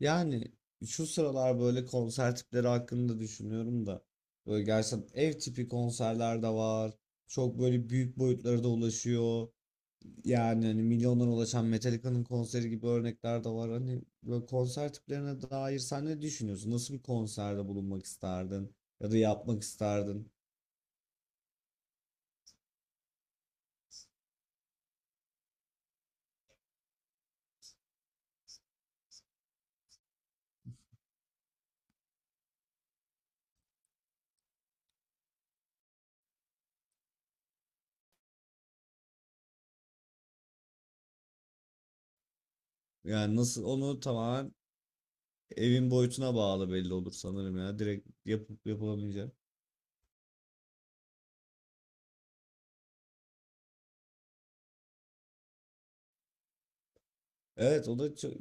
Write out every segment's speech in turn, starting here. Yani şu sıralar böyle konser tipleri hakkında düşünüyorum da böyle gerçekten ev tipi konserler de var. Çok böyle büyük boyutlara da ulaşıyor. Yani hani milyonlara ulaşan Metallica'nın konseri gibi örnekler de var. Hani böyle konser tiplerine dair sen ne düşünüyorsun? Nasıl bir konserde bulunmak isterdin ya da yapmak isterdin? Yani nasıl onu tamamen evin boyutuna bağlı belli olur sanırım ya. Direkt yapıp yapılamayacak. Evet o da çok...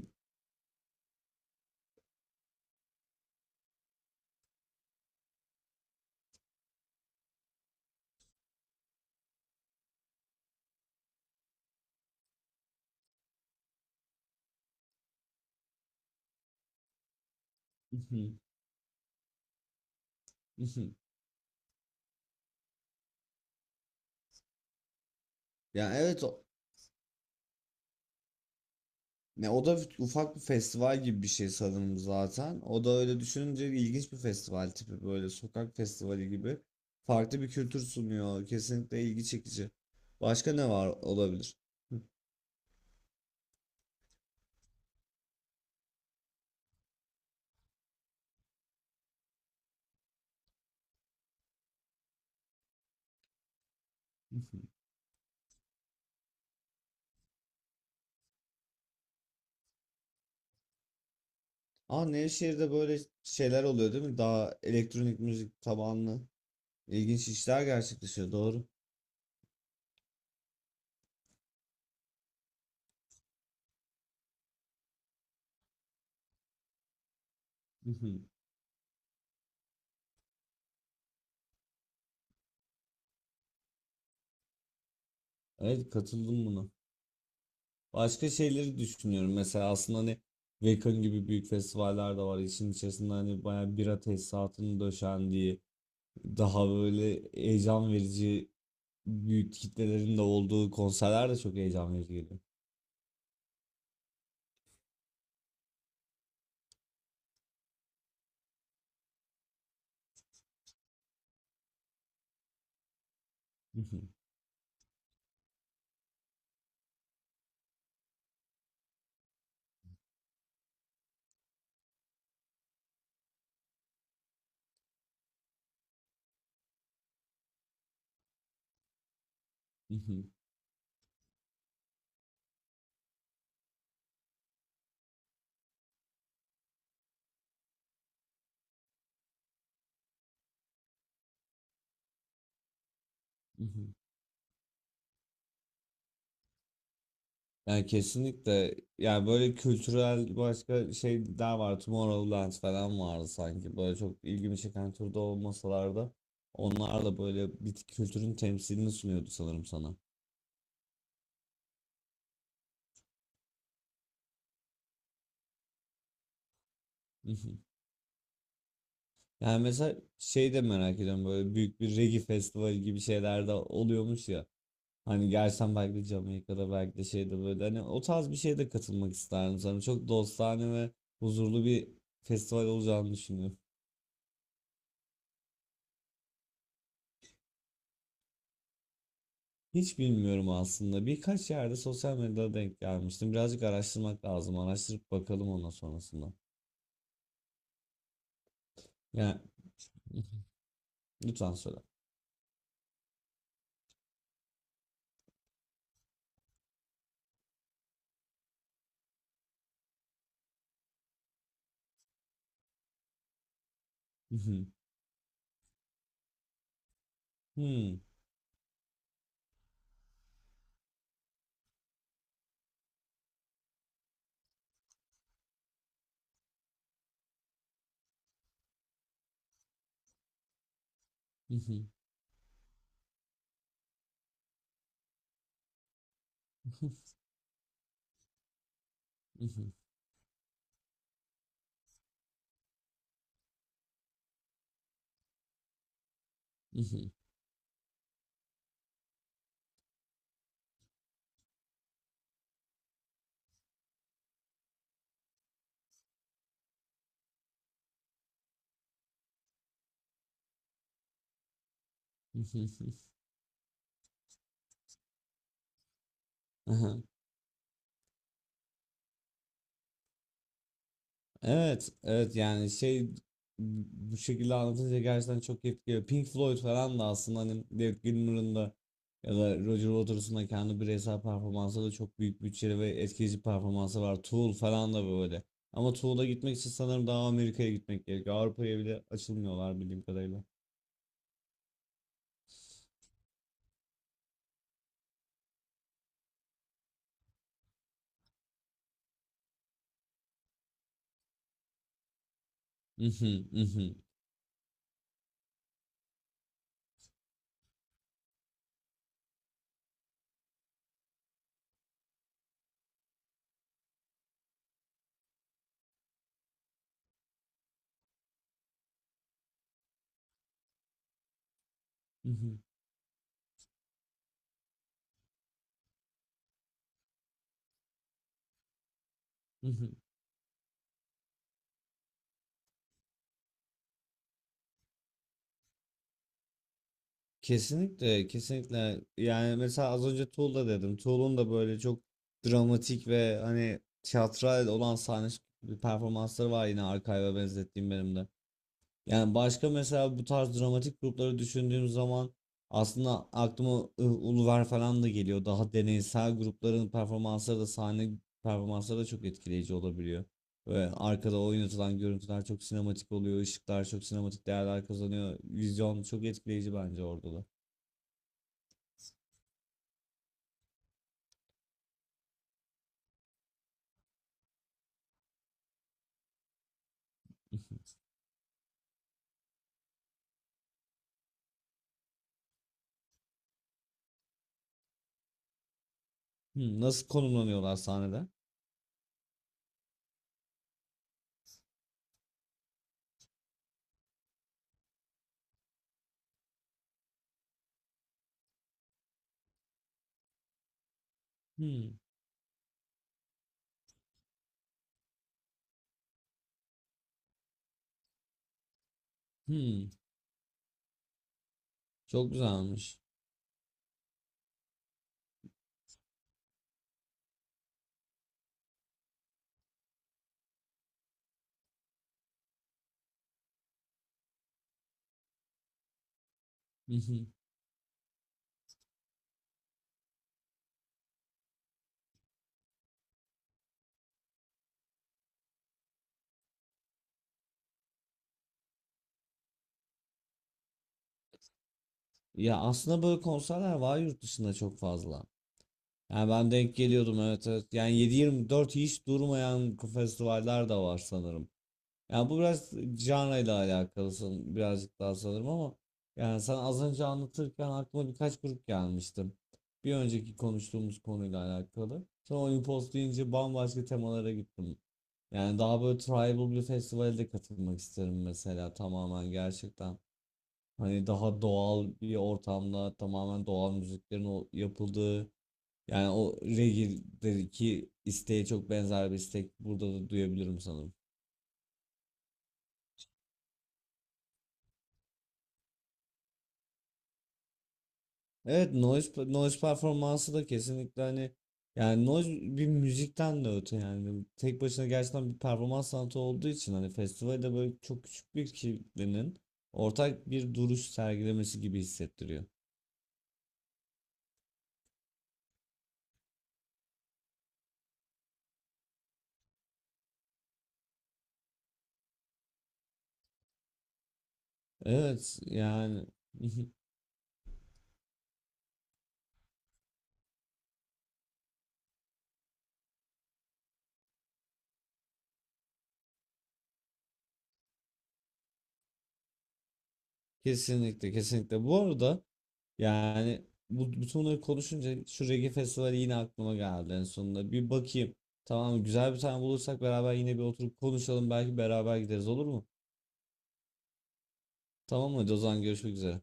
yani evet. Ne o da ufak bir festival gibi bir şey sanırım zaten. O da öyle düşününce ilginç bir festival tipi böyle sokak festivali gibi. Farklı bir kültür sunuyor. Kesinlikle ilgi çekici. Başka ne var olabilir? Aa, Nevşehir'de böyle şeyler oluyor değil mi? Daha elektronik müzik tabanlı ilginç işler gerçekleşiyor. Doğru. Hı hı. Evet, katıldım buna. Başka şeyleri düşünüyorum. Mesela aslında hani Wacken gibi büyük festivaller de var. İşin içerisinde hani bayağı bira tesisatının döşendiği, daha böyle heyecan verici, büyük kitlelerin de olduğu konserler de çok heyecan verici geliyor. Yani kesinlikle, yani böyle kültürel başka şeyler var. Tomorrowland falan vardı sanki. Böyle çok ilgimi çeken türde olmasalar da onlar da böyle bir kültürün temsilini sunuyordu sanırım sana. Yani mesela şey de merak ediyorum, böyle büyük bir reggae festivali gibi şeyler de oluyormuş ya. Hani gelsen belki de Jamaika'da belki de şeyde, böyle hani o tarz bir şeye de katılmak isterdim sanırım. Çok dostane ve huzurlu bir festival olacağını düşünüyorum. Hiç bilmiyorum aslında. Birkaç yerde sosyal medyada denk gelmiştim. Birazcık araştırmak lazım. Araştırıp bakalım ondan sonrasında. Yani lütfen söyle. Hmm. Evet, evet, yani şey, bu şekilde anlatınca gerçekten çok keyifli geliyor. Pink Floyd falan da aslında, hani David Gilmour'un da ya da Roger Waters'ın da kendi bireysel performansı da çok büyük bütçeli ve etkileyici performansı var. Tool falan da böyle. Ama Tool'a gitmek için sanırım daha Amerika'ya gitmek gerekiyor. Avrupa'ya bile açılmıyorlar bildiğim kadarıyla. Mhm, mhm, mhm, mhm. Kesinlikle, kesinlikle. Yani mesela az önce Tool'da dedim. Tool'un da böyle çok dramatik ve hani tiyatral olan sahne performansları var, yine Archive'a benzettiğim benim de. Yani başka mesela bu tarz dramatik grupları düşündüğüm zaman aslında aklıma Uluver falan da geliyor. Daha deneysel grupların performansları da, sahne performansları da çok etkileyici olabiliyor. Ve arkada oynatılan görüntüler çok sinematik oluyor, ışıklar çok sinematik değerler kazanıyor. Vizyon çok etkileyici bence orada da. Hmm, nasıl konumlanıyorlar sahnede? Hmm, hmm, çok güzelmiş. Hı hı. Ya aslında böyle konserler var yurt dışında çok fazla. Yani ben denk geliyordum, evet, evet. Yani 7-24 hiç durmayan festivaller de var sanırım. Yani bu biraz janrayla alakalı birazcık daha sanırım, ama yani sen az önce anlatırken aklıma birkaç grup gelmişti. Bir önceki konuştuğumuz konuyla alakalı. Sonra Olympos deyince bambaşka temalara gittim. Yani daha böyle tribal bir Festival'de katılmak isterim mesela, tamamen gerçekten. Hani daha doğal bir ortamda tamamen doğal müziklerin o yapıldığı, yani o reggae'deki isteğe çok benzer bir istek burada da duyabilirim sanırım. Evet, noise, noise performansı da kesinlikle, hani yani noise bir müzikten de öte, yani tek başına gerçekten bir performans sanatı olduğu için hani festivalde böyle çok küçük bir kitlenin ortak bir duruş sergilemesi gibi hissettiriyor. Evet yani kesinlikle, kesinlikle. Bu arada yani bu, bütün bunları konuşunca şu Reggae Festivali yine aklıma geldi en sonunda. Bir bakayım. Tamam, güzel bir tane bulursak beraber yine bir oturup konuşalım. Belki beraber gideriz, olur mu? Tamam, hadi o zaman görüşmek üzere.